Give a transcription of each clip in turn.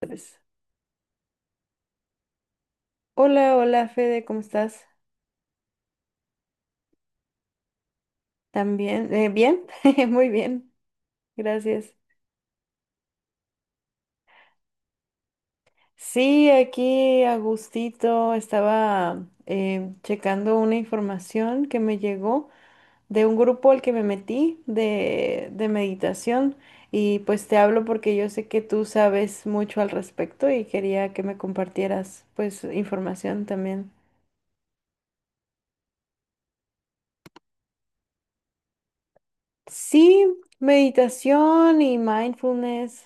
Pues, hola, hola Fede, ¿cómo estás? ¿También? ¿Bien? Muy bien, gracias. Sí, aquí a gustito estaba, checando una información que me llegó de un grupo al que me metí de meditación y pues te hablo porque yo sé que tú sabes mucho al respecto y quería que me compartieras pues información también. Sí, meditación y mindfulness.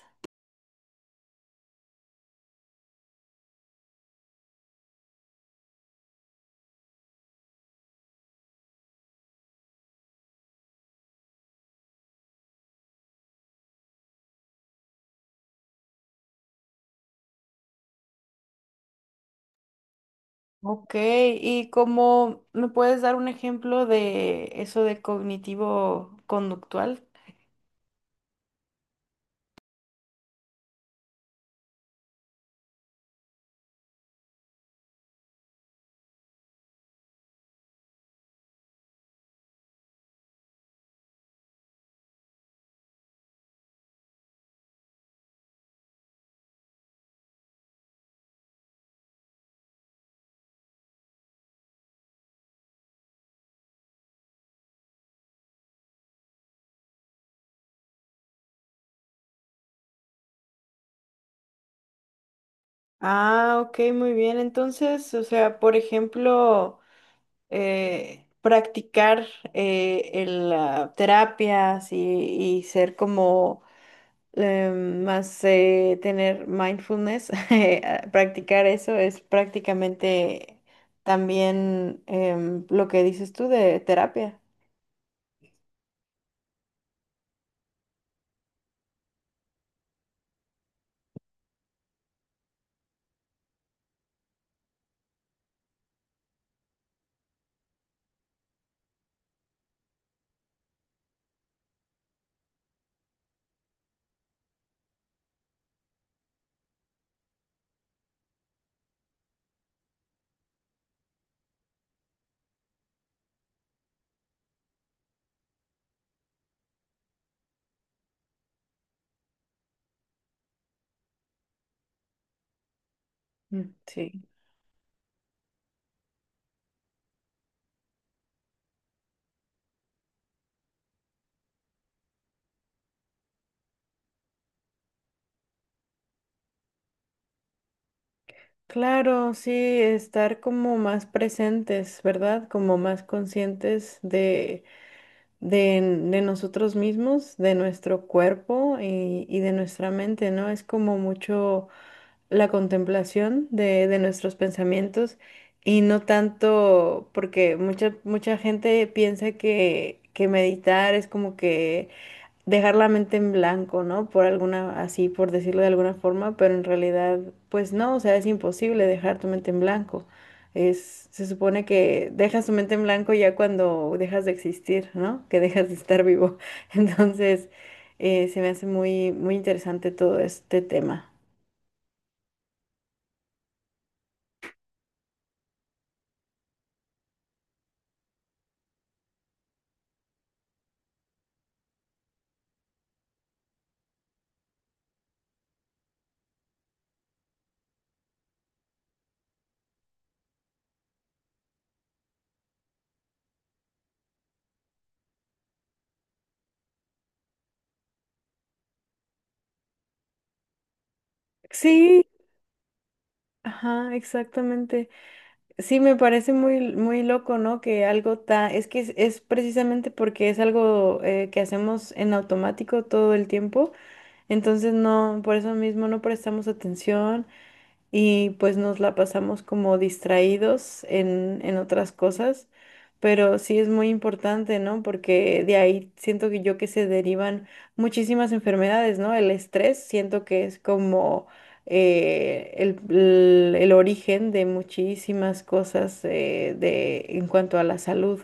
Ok, ¿y como me puedes dar un ejemplo de eso de cognitivo conductual? Ah, ok, muy bien. Entonces, o sea, por ejemplo, practicar terapias y ser como más tener mindfulness, practicar eso es prácticamente también lo que dices tú de terapia. Mm, sí. Claro, sí, estar como más presentes, ¿verdad? Como más conscientes de, de nosotros mismos, de nuestro cuerpo y de nuestra mente, ¿no? Es como mucho la contemplación de nuestros pensamientos, y no tanto, porque mucha, mucha gente piensa que meditar es como que dejar la mente en blanco, ¿no? Por alguna, así por decirlo de alguna forma, pero en realidad, pues no, o sea, es imposible dejar tu mente en blanco. Es, se supone que dejas tu mente en blanco ya cuando dejas de existir, ¿no? Que dejas de estar vivo. Entonces, se me hace muy, muy interesante todo este tema. Sí, ajá, exactamente. Sí, me parece muy, muy loco, ¿no? Que algo tan... Es que es precisamente porque es algo, que hacemos en automático todo el tiempo. Entonces no, por eso mismo no prestamos atención y pues nos la pasamos como distraídos en otras cosas, pero sí es muy importante, ¿no? Porque de ahí siento que yo que se derivan muchísimas enfermedades, ¿no? El estrés siento que es como el origen de muchísimas cosas de, en cuanto a la salud.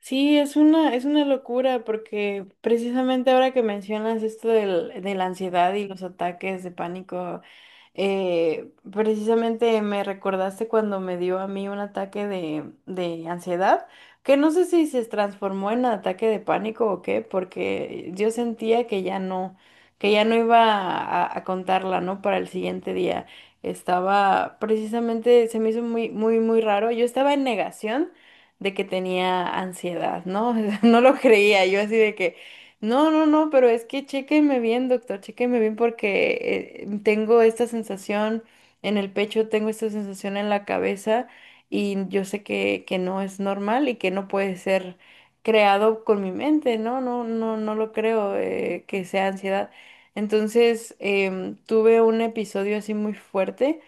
Sí, es una locura porque precisamente ahora que mencionas esto de la ansiedad y los ataques de pánico, precisamente me recordaste cuando me dio a mí un ataque de ansiedad, que no sé si se transformó en ataque de pánico o qué, porque yo sentía que ya no iba a contarla, ¿no? Para el siguiente día. Estaba precisamente, se me hizo muy, muy, muy raro. Yo estaba en negación de que tenía ansiedad, ¿no? No lo creía, yo así de que no, no, no, pero es que chéqueme bien, doctor, chéqueme bien porque, tengo esta sensación en el pecho, tengo esta sensación en la cabeza y yo sé que no es normal y que no puede ser creado con mi mente, ¿no? No, no, no lo creo que sea ansiedad. Entonces, tuve un episodio así muy fuerte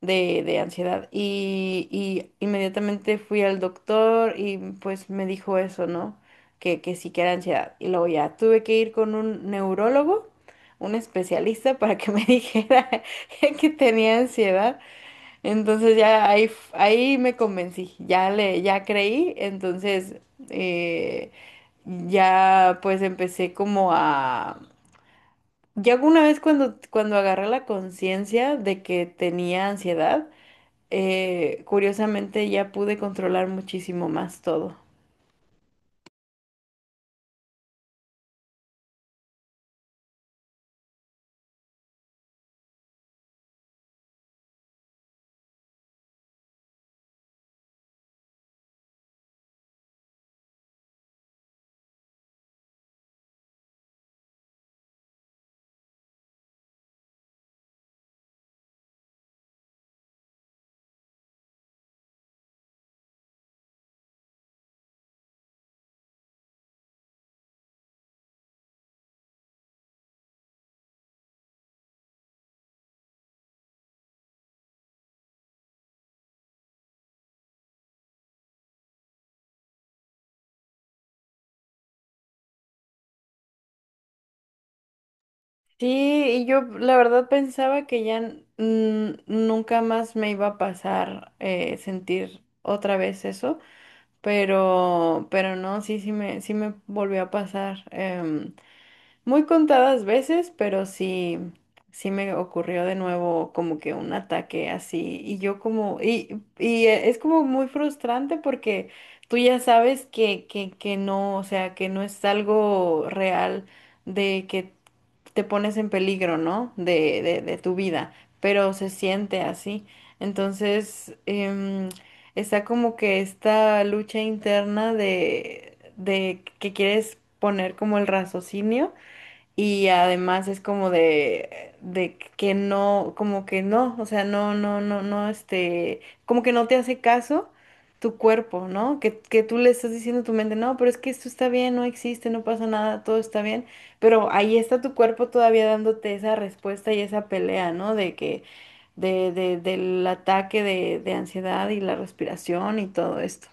de ansiedad. Y inmediatamente fui al doctor y pues me dijo eso, ¿no? Que sí que era ansiedad. Y luego ya tuve que ir con un neurólogo, un especialista, para que me dijera que tenía ansiedad. Entonces ya ahí, ahí me convencí, ya le, ya creí. Entonces, eh, ya pues empecé como a... Ya alguna vez cuando, cuando agarré la conciencia de que tenía ansiedad, curiosamente ya pude controlar muchísimo más todo. Sí, y yo la verdad pensaba que ya nunca más me iba a pasar, sentir otra vez eso, pero no, sí, sí me volvió a pasar. Muy contadas veces, pero sí, sí me ocurrió de nuevo como que un ataque así. Y yo como, y es como muy frustrante porque tú ya sabes que no, o sea, que no es algo real de que te pones en peligro, ¿no? De tu vida, pero se siente así. Entonces, está como que esta lucha interna de que quieres poner como el raciocinio y además es como de que no, como que no, o sea, no, no, no, no, este, como que no te hace caso tu cuerpo, ¿no? Que tú le estás diciendo a tu mente, no, pero es que esto está bien, no existe, no pasa nada, todo está bien, pero ahí está tu cuerpo todavía dándote esa respuesta y esa pelea, ¿no? De que, de, del ataque de ansiedad y la respiración y todo esto.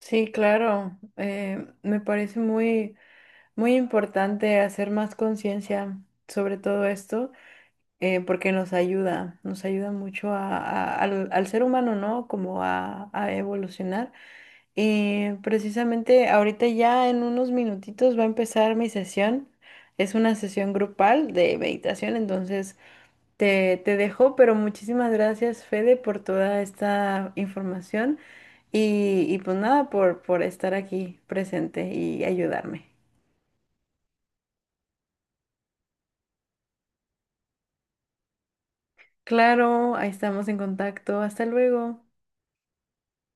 Sí, claro, me parece muy... Muy importante hacer más conciencia sobre todo esto, porque nos ayuda mucho al, al ser humano, ¿no? Como a evolucionar. Y precisamente ahorita ya en unos minutitos va a empezar mi sesión. Es una sesión grupal de meditación, entonces te dejo, pero muchísimas gracias, Fede, por toda esta información y pues nada, por estar aquí presente y ayudarme. Claro, ahí estamos en contacto. Hasta luego.